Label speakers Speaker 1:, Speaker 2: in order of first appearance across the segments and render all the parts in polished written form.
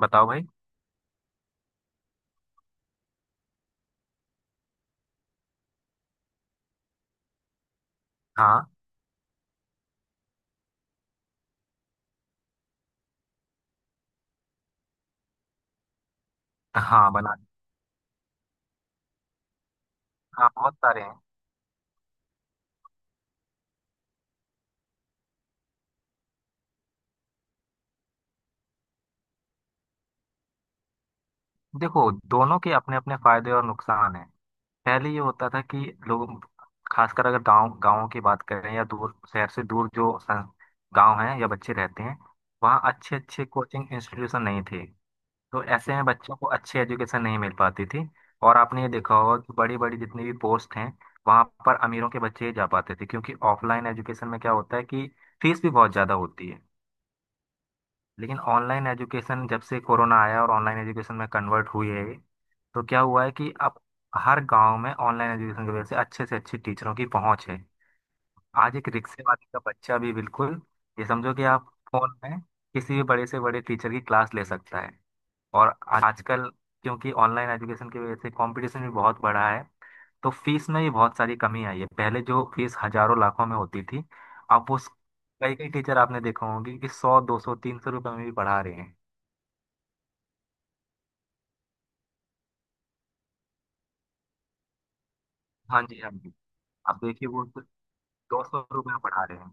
Speaker 1: बताओ भाई। हाँ। हाँ बना। हाँ बहुत सारे हैं। देखो दोनों के अपने अपने फायदे और नुकसान हैं। पहले ये होता था कि लोग खासकर अगर गांव गांवों की बात करें या दूर शहर से दूर जो गांव हैं या बच्चे रहते हैं, वहाँ अच्छे अच्छे कोचिंग इंस्टीट्यूशन नहीं थे। तो ऐसे में बच्चों को अच्छी एजुकेशन नहीं मिल पाती थी। और आपने ये देखा होगा कि बड़ी बड़ी जितनी भी पोस्ट हैं, वहाँ पर अमीरों के बच्चे ही जा पाते थे क्योंकि ऑफलाइन एजुकेशन में क्या होता है कि फीस भी बहुत ज़्यादा होती है। लेकिन ऑनलाइन एजुकेशन जब से कोरोना आया और ऑनलाइन एजुकेशन में कन्वर्ट हुई है, तो क्या हुआ है कि अब हर गांव में ऑनलाइन एजुकेशन की वजह से अच्छे से अच्छी टीचरों की पहुंच है। आज एक रिक्शे वाले का बच्चा भी, बिल्कुल ये समझो कि आप फोन में किसी भी बड़े से बड़े टीचर की क्लास ले सकता है। और आजकल क्योंकि ऑनलाइन एजुकेशन की वजह से कंपटीशन भी बहुत बढ़ा है, तो फीस में भी बहुत सारी कमी आई है। पहले जो फीस हजारों लाखों में होती थी, अब उस कई कई टीचर आपने देखा होंगे कि 100, 200, 300 रुपये में भी पढ़ा रहे हैं। हाँ जी हाँ जी। अब देखिए वो सिर्फ 200 रुपये पढ़ा रहे हैं।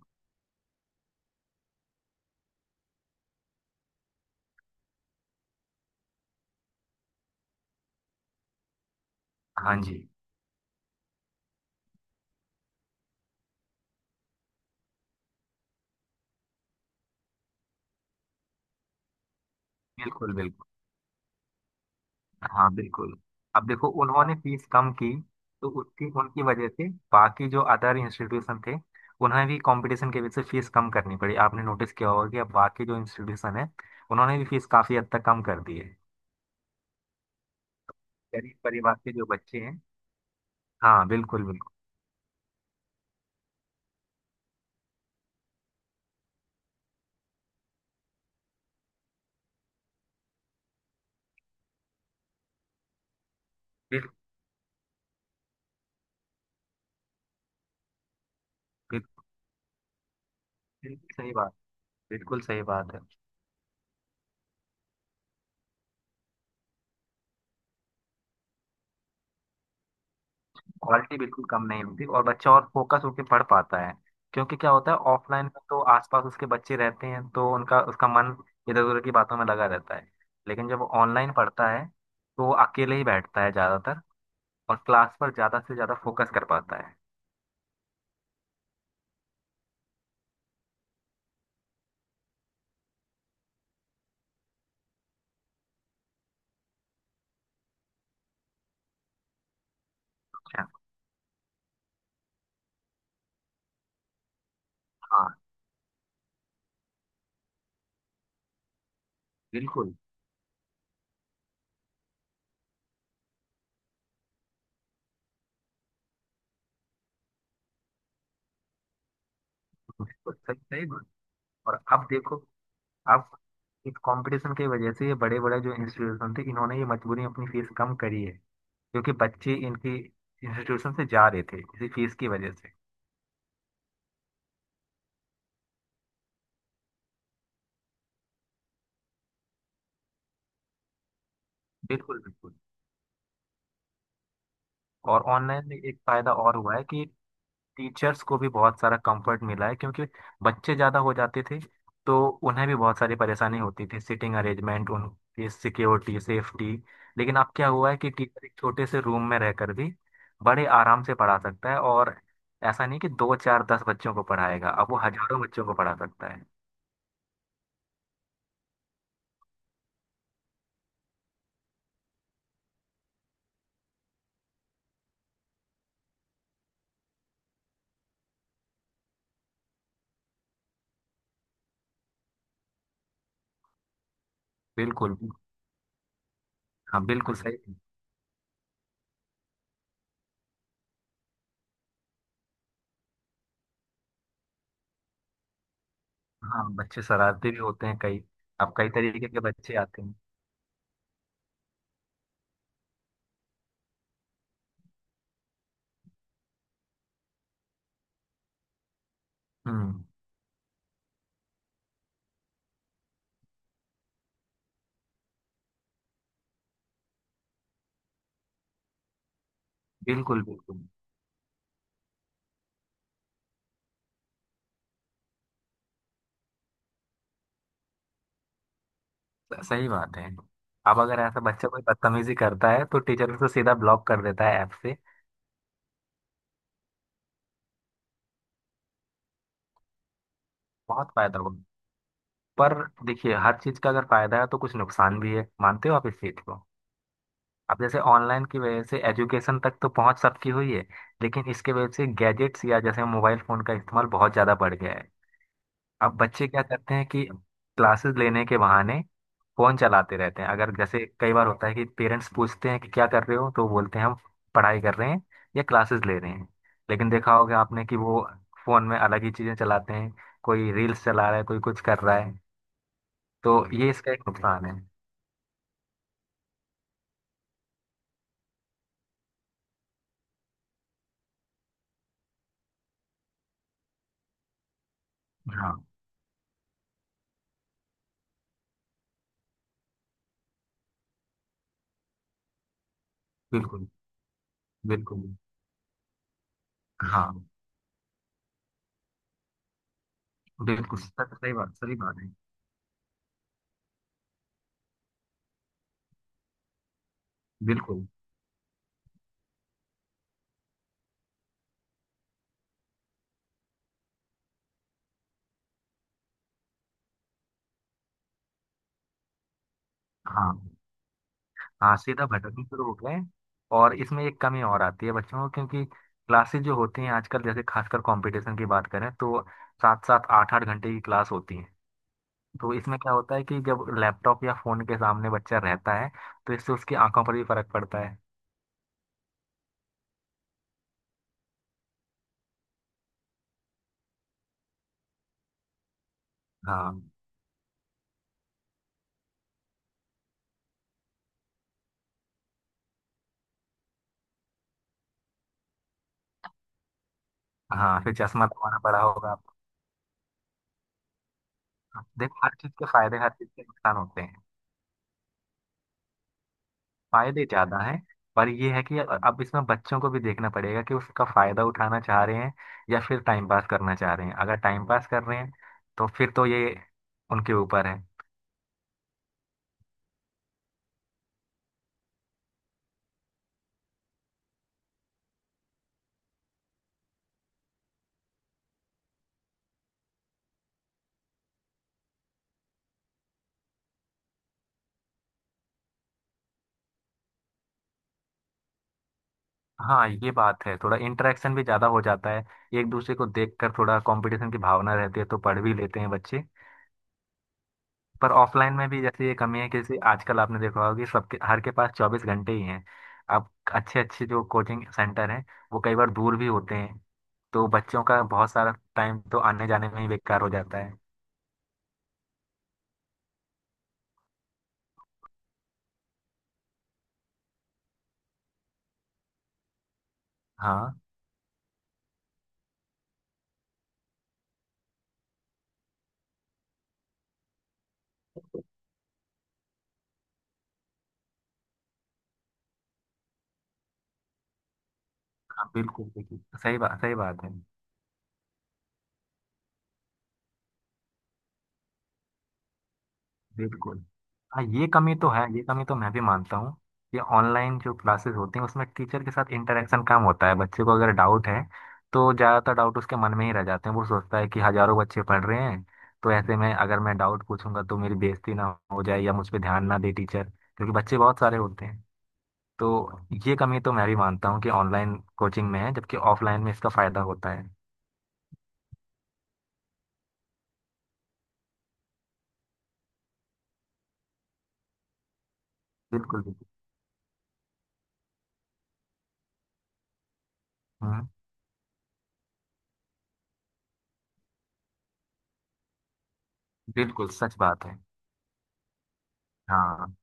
Speaker 1: हाँ जी। बिल्कुल बिल्कुल। हाँ बिल्कुल। अब देखो उन्होंने फीस कम की तो उसकी उनकी वजह से बाकी जो अदर इंस्टीट्यूशन थे, उन्हें भी कंपटीशन की वजह से फीस कम करनी पड़ी। आपने नोटिस किया होगा कि अब बाकी जो इंस्टीट्यूशन है, उन्होंने भी फीस काफी हद तक कम कर दी है। गरीब परिवार के जो बच्चे हैं, हाँ बिल्कुल बिल्कुल। बिल्कुल बिल्कुल सही बात। बिल्कुल सही बात है। क्वालिटी बिल्कुल कम नहीं होती और बच्चा और फोकस होकर पढ़ पाता है। क्योंकि क्या होता है, ऑफलाइन में तो आसपास उसके बच्चे रहते हैं, तो उनका उसका मन इधर उधर की बातों में लगा रहता है। लेकिन जब वो ऑनलाइन पढ़ता है तो वो अकेले ही बैठता है ज्यादातर, और क्लास पर ज्यादा से ज्यादा फोकस कर पाता है। अच्छा। हाँ बिल्कुल। बिल्कुल सही सही बात। और अब देखो, अब इस कंपटीशन की वजह से ये बड़े बड़े जो इंस्टीट्यूशन थे, इन्होंने ये मजबूरी अपनी फीस कम करी है क्योंकि बच्चे इनकी इंस्टीट्यूशन से जा रहे थे इसी फीस की वजह से। बिल्कुल बिल्कुल। और ऑनलाइन में एक फायदा और हुआ है कि टीचर्स को भी बहुत सारा कंफर्ट मिला है, क्योंकि बच्चे ज्यादा हो जाते थे, तो उन्हें भी बहुत सारी परेशानी होती थी, सिटिंग अरेंजमेंट, उनकी सिक्योरिटी, सेफ्टी। लेकिन अब क्या हुआ है कि टीचर एक छोटे से रूम में रहकर भी बड़े आराम से पढ़ा सकता है। और ऐसा नहीं कि दो चार 10 बच्चों को पढ़ाएगा, अब वो हजारों बच्चों को पढ़ा सकता है। बिल्कुल। हाँ बिल्कुल सही। हाँ बच्चे शरारती भी होते हैं कई। अब कई तरीके के बच्चे आते हैं। हम्म। बिल्कुल बिल्कुल। सही बात है। अब अगर ऐसा बच्चा कोई बदतमीजी करता है तो टीचर उसे सीधा ब्लॉक कर देता है ऐप से। बहुत फायदा होगा। पर देखिए, हर चीज का अगर फायदा है तो कुछ नुकसान भी है, मानते हो आप इस चीज को? अब जैसे ऑनलाइन की वजह से एजुकेशन तक तो पहुंच सबकी हुई है, लेकिन इसके वजह से गैजेट्स या जैसे मोबाइल फोन का इस्तेमाल बहुत ज्यादा बढ़ गया है। अब बच्चे क्या करते हैं कि क्लासेस लेने के बहाने फोन चलाते रहते हैं। अगर जैसे कई बार होता है कि पेरेंट्स पूछते हैं कि क्या कर रहे हो, तो बोलते हैं हम पढ़ाई कर रहे हैं या क्लासेस ले रहे हैं। लेकिन देखा होगा आपने कि वो फोन में अलग ही चीजें चलाते हैं। कोई रील्स चला रहा है, कोई कुछ कर रहा है। तो ये इसका एक नुकसान है। हाँ बिल्कुल बिल्कुल। हाँ बिल्कुल सही बात है। बिल्कुल। हाँ। हाँ सीधा भटकने शुरू हो गए। और इसमें एक कमी और आती है बच्चों को, क्योंकि क्लासेस जो होती हैं आजकल जैसे खासकर कंपटीशन की बात करें तो 7-7, 8-8 घंटे की क्लास होती है। तो इसमें क्या होता है कि जब लैपटॉप या फोन के सामने बच्चा रहता है, तो इससे उसकी आंखों पर भी फर्क पड़ता है। हाँ। हाँ फिर चश्मा दबाना पड़ा होगा आपको। देखो हर चीज के फायदे हर चीज के नुकसान होते हैं। फायदे ज्यादा हैं। पर ये है कि अब इसमें बच्चों को भी देखना पड़ेगा कि उसका फायदा उठाना चाह रहे हैं या फिर टाइम पास करना चाह रहे हैं। अगर टाइम पास कर रहे हैं तो फिर तो ये उनके ऊपर है। हाँ ये बात है, थोड़ा इंटरेक्शन भी ज्यादा हो जाता है। एक दूसरे को देखकर थोड़ा कंपटीशन की भावना रहती है तो पढ़ भी लेते हैं बच्चे। पर ऑफलाइन में भी जैसे ये कमी है कि जैसे आजकल आपने देखा होगा कि सबके हर के पास 24 घंटे ही हैं। अब अच्छे अच्छे जो कोचिंग सेंटर हैं वो कई बार दूर भी होते हैं, तो बच्चों का बहुत सारा टाइम तो आने जाने में ही बेकार हो जाता है। हाँ। हाँ बिल्कुल बिल्कुल सही बात है। बिल्कुल। हाँ ये कमी तो है, ये कमी तो मैं भी मानता हूँ कि ऑनलाइन जो क्लासेस होती हैं उसमें टीचर के साथ इंटरेक्शन कम होता है। बच्चे को अगर डाउट है तो ज़्यादातर डाउट उसके मन में ही रह जाते हैं। वो सोचता है कि हजारों बच्चे पढ़ रहे हैं, तो ऐसे में अगर मैं डाउट पूछूंगा तो मेरी बेइज्जती ना हो जाए या मुझ पर ध्यान ना दे टीचर, क्योंकि बच्चे बहुत सारे होते हैं। तो ये कमी तो मैं भी मानता हूँ कि ऑनलाइन कोचिंग में है, जबकि ऑफलाइन में इसका फायदा होता है। बिल्कुल बिल्कुल। हम्म। बिल्कुल सच बात है। हाँ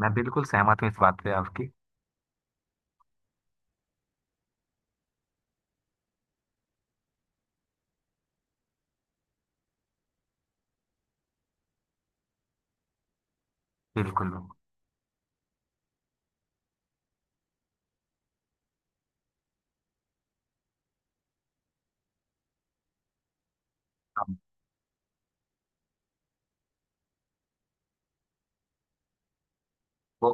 Speaker 1: मैं बिल्कुल सहमत हूँ इस बात पे आपकी। बिल्कुल। हाँ। वो-